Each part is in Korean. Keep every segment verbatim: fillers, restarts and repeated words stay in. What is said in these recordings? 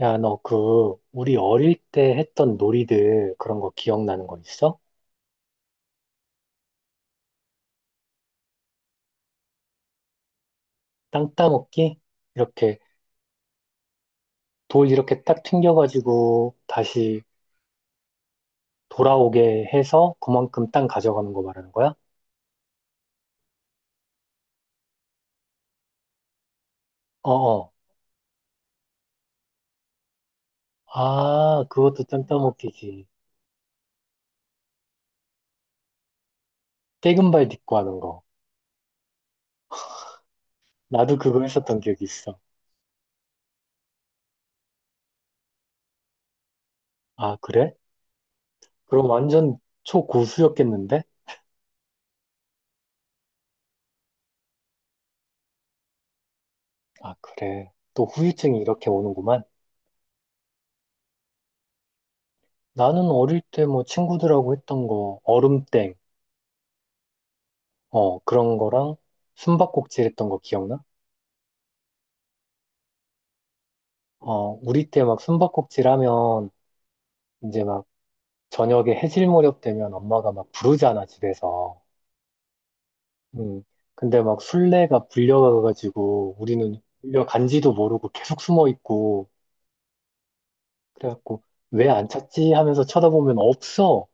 야, 너 그, 우리 어릴 때 했던 놀이들 그런 거 기억나는 거 있어? 땅 따먹기? 이렇게 돌 이렇게 딱 튕겨가지고 다시 돌아오게 해서 그만큼 땅 가져가는 거 말하는 거야? 어어. 아, 그것도 땅 따먹기지. 떼금발 딛고 하는 거. 나도 그거 했었던 기억이 있어. 아, 그래? 그럼 완전 초고수였겠는데? 아, 그래. 또 후유증이 이렇게 오는구만. 나는 어릴 때 뭐 친구들하고 했던 거, 얼음땡. 어, 그런 거랑 숨바꼭질 했던 거 기억나? 어, 우리 때 막 숨바꼭질 하면 이제 막 저녁에 해질 무렵 되면 엄마가 막 부르잖아, 집에서. 음. 근데 막 술래가 불려가가지고 우리는 불려간지도 모르고 계속 숨어 있고 그래갖고 왜 안 찾지 하면서 쳐다보면 없어.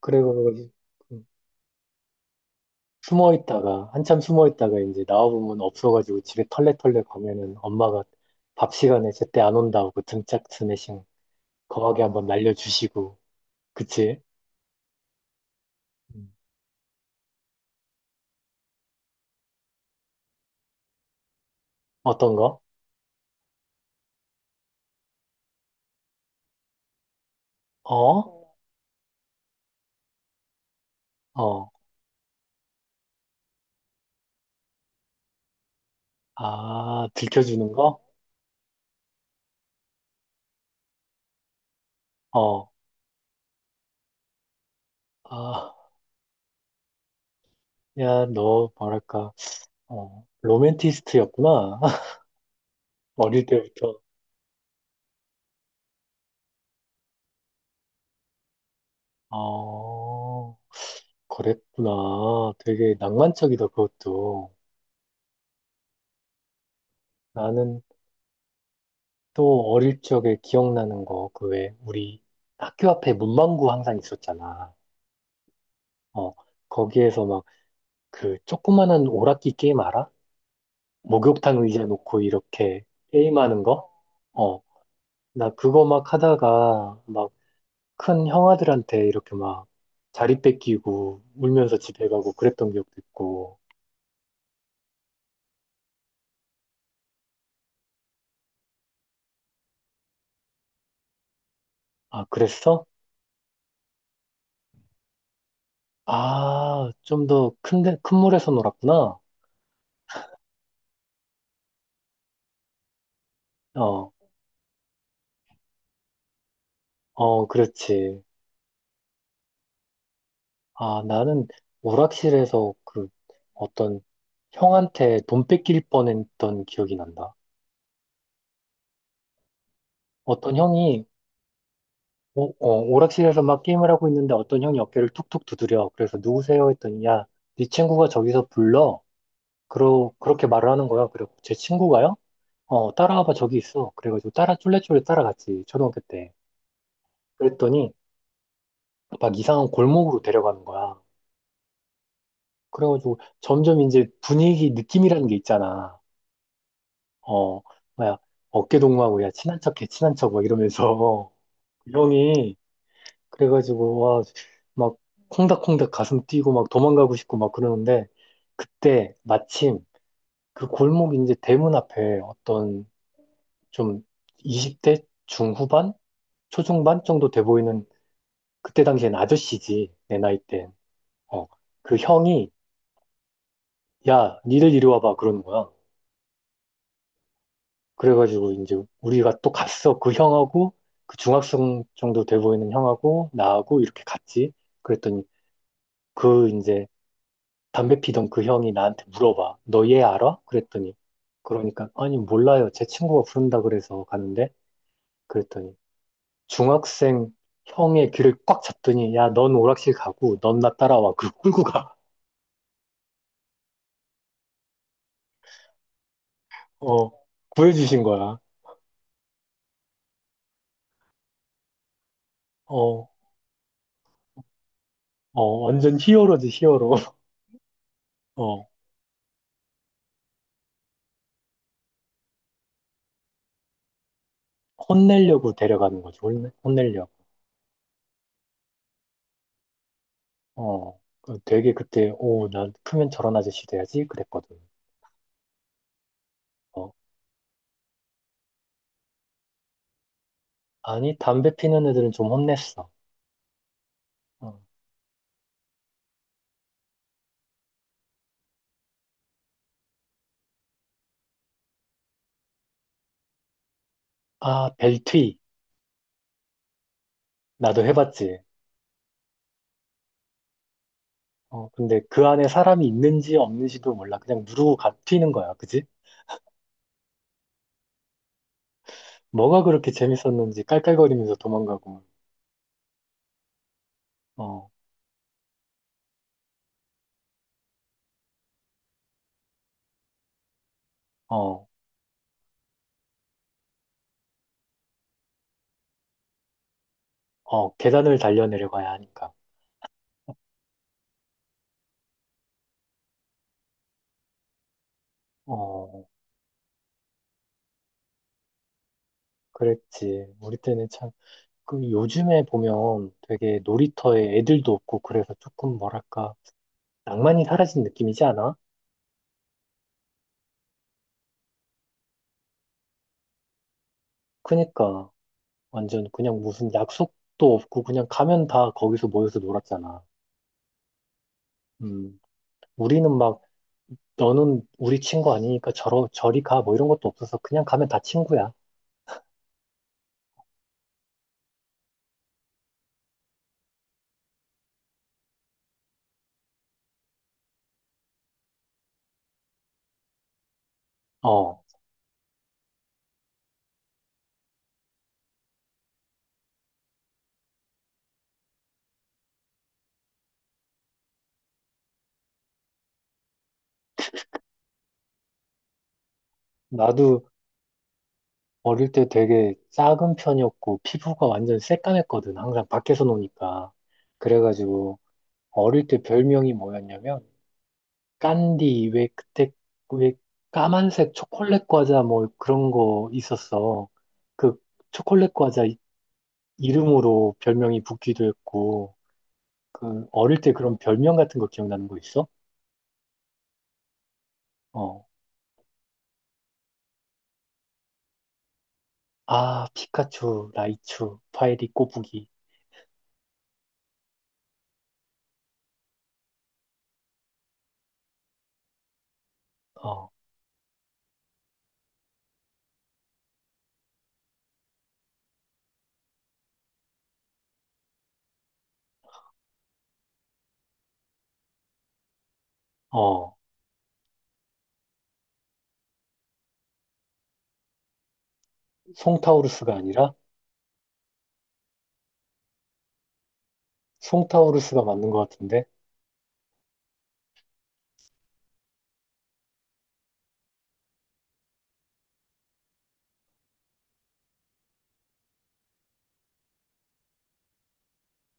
그래가지고 음, 숨어 있다가 한참 숨어 있다가 이제 나와보면 없어가지고 집에 털레털레 가면은 엄마가 밥 시간에 제때 안 온다고 등짝 스매싱 거하게 한번 날려주시고, 그치? 음. 어떤 거? 어? 어, 어. 아, 들켜주는 거? 어. 아, 야, 너, 뭐랄까, 어, 로맨티스트였구나. 어릴 때부터. 어, 그랬구나. 되게 낭만적이다, 그것도. 나는 또 어릴 적에 기억나는 거, 그 왜, 우리 학교 앞에 문방구 항상 있었잖아. 어, 거기에서 막 그 조그마한 오락기 게임 알아? 목욕탕 의자 놓고 이렇게 게임하는 거? 어, 나 그거 막 하다가 막 큰 형아들한테 이렇게 막 자리 뺏기고 울면서 집에 가고 그랬던 기억도 있고. 아, 그랬어? 아, 좀 더 큰데, 큰 물에서 놀았구나. 어, 어, 그렇지. 아, 나는 오락실에서 그 어떤 형한테 돈 뺏길 뻔했던 기억이 난다. 어떤 형이 오, 어, 오락실에서 막 게임을 하고 있는데 어떤 형이 어깨를 툭툭 두드려. 그래서 누구세요? 했더니, 야, 네 친구가 저기서 불러. 그러, 그렇게 말을 하는 거야. 그리고 제 친구가요? 어, 따라와봐, 저기 있어. 그래가지고 따라, 쫄래쫄래 따라갔지, 초등학교 때. 그랬더니, 막 이상한 골목으로 데려가는 거야. 그래가지고 점점 이제 분위기 느낌이라는 게 있잖아. 어, 뭐야, 어깨 동무하고, 야, 친한 척해, 친한 척, 막 이러면서. 그 형이 그래가지고, 와, 막, 콩닥콩닥 가슴 뛰고 막 도망가고 싶고 막 그러는데, 그때 마침 그 골목 이제 대문 앞에 어떤 좀 이십 대 중후반? 초중반 정도 돼 보이는 그때 당시엔 아저씨지, 내 나이 땐. 어, 그 형이, 야, 니들 이리 와봐. 그러는 거야. 그래가지고 이제 우리가 또 갔어. 그 형하고, 그 중학생 정도 돼 보이는 형하고, 나하고 이렇게 갔지. 그랬더니 그 이제 담배 피던 그 형이 나한테 물어봐. 너 얘 알아? 그랬더니 그러니까 아니 몰라요. 제 친구가 부른다 그래서 가는데 그랬더니 중학생 형의 귀를 꽉 잡더니 야, 넌 오락실 가고 넌 나 따라와. 그 끌고 가. 어. 구해주신 거야. 어. 어, 완전 히어로지, 히어로. 어. 혼내려고 데려가는 거지. 혼내, 혼내려고. 어. 그 되게 그때 오, 난 크면 저런 아저씨 돼야지 그랬거든. 어. 아니 담배 피는 애들은 좀 혼냈어. 어. 아, 벨트이. 나도 해봤지. 어, 근데 그 안에 사람이 있는지 없는지도 몰라. 그냥 누르고 가 튀는 거야. 그지? 뭐가 그렇게 재밌었는지 깔깔거리면서 도망가고, 어, 어, 어, 계단을 달려내려가야 하니까. 어, 그랬지. 우리 때는 참, 그 요즘에 보면 되게 놀이터에 애들도 없고 그래서 조금 뭐랄까, 낭만이 사라진 느낌이지 않아? 그니까, 완전 그냥 무슨 약속도 없고 그냥 가면 다 거기서 모여서 놀았잖아. 음. 우리는 막 너는 우리 친구 아니니까 저러, 저리 가, 뭐 이런 것도 없어서 그냥 가면 다 친구야. 어, 나도 어릴 때 되게 작은 편이었고, 피부가 완전 새까맸거든. 항상 밖에서 노니까. 그래가지고, 어릴 때 별명이 뭐였냐면, 깐디, 왜 그때, 왜 까만색 초콜릿 과자 뭐 그런 거 있었어. 그 초콜릿 과자 이- 이름으로 별명이 붙기도 했고, 그 어릴 때 그런 별명 같은 거 기억나는 거 있어? 어. 아, 피카츄, 라이츄, 파이리, 꼬부기. 어, 어, 송타우루스가 아니라 송타우루스가 맞는 것 같은데.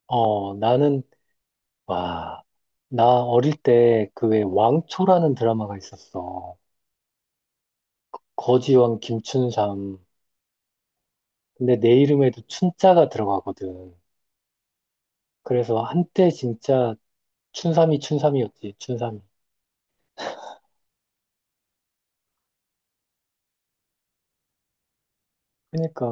어, 나는 와, 나 어릴 때 그 왜 왕초라는 드라마가 있었어. 거지왕 김춘삼. 근데 내 이름에도 춘자가 들어가거든. 그래서 한때 진짜 춘삼이 춘삼이었지, 춘삼이. 그러니까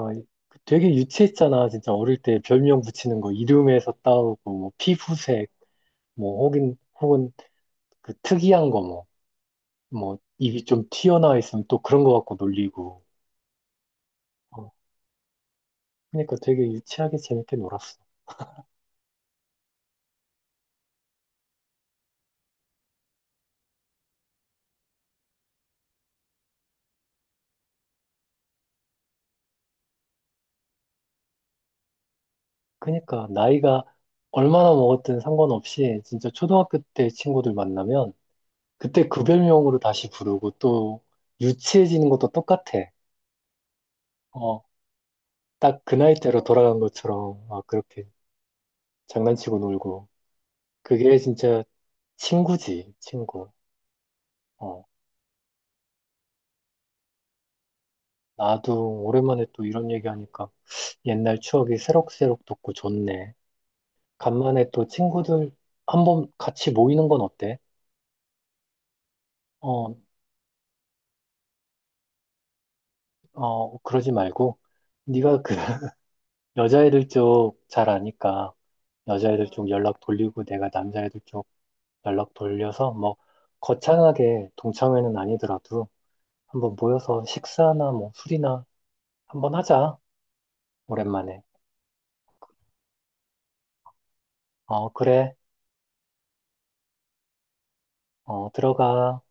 되게 유치했잖아. 진짜 어릴 때 별명 붙이는 거 이름에서 따오고 뭐 피부색 뭐 혹은 혹은 그 특이한 거 뭐, 뭐, 입이 좀 튀어나와 있으면 또 그런 거 갖고 놀리고. 어, 그러니까 되게 유치하게 재밌게 놀았어. 그러니까 나이가 얼마나 먹었든 상관없이 진짜 초등학교 때 친구들 만나면 그때 그 별명으로 다시 부르고 또 유치해지는 것도 똑같아. 어, 딱 그 나이대로 돌아간 것처럼 막 그렇게 장난치고 놀고. 그게 진짜 친구지, 친구. 어, 나도 오랜만에 또 이런 얘기하니까 옛날 추억이 새록새록 돋고 좋네. 간만에 또 친구들 한번 같이 모이는 건 어때? 어, 어, 그러지 말고 네가 그 여자애들 쪽 잘 아니까 여자애들 쪽 연락 돌리고 내가 남자애들 쪽 연락 돌려서 뭐 거창하게 동창회는 아니더라도 한번 모여서 식사나 뭐 술이나 한번 하자. 오랜만에. 어, 그래. 어, 들어가.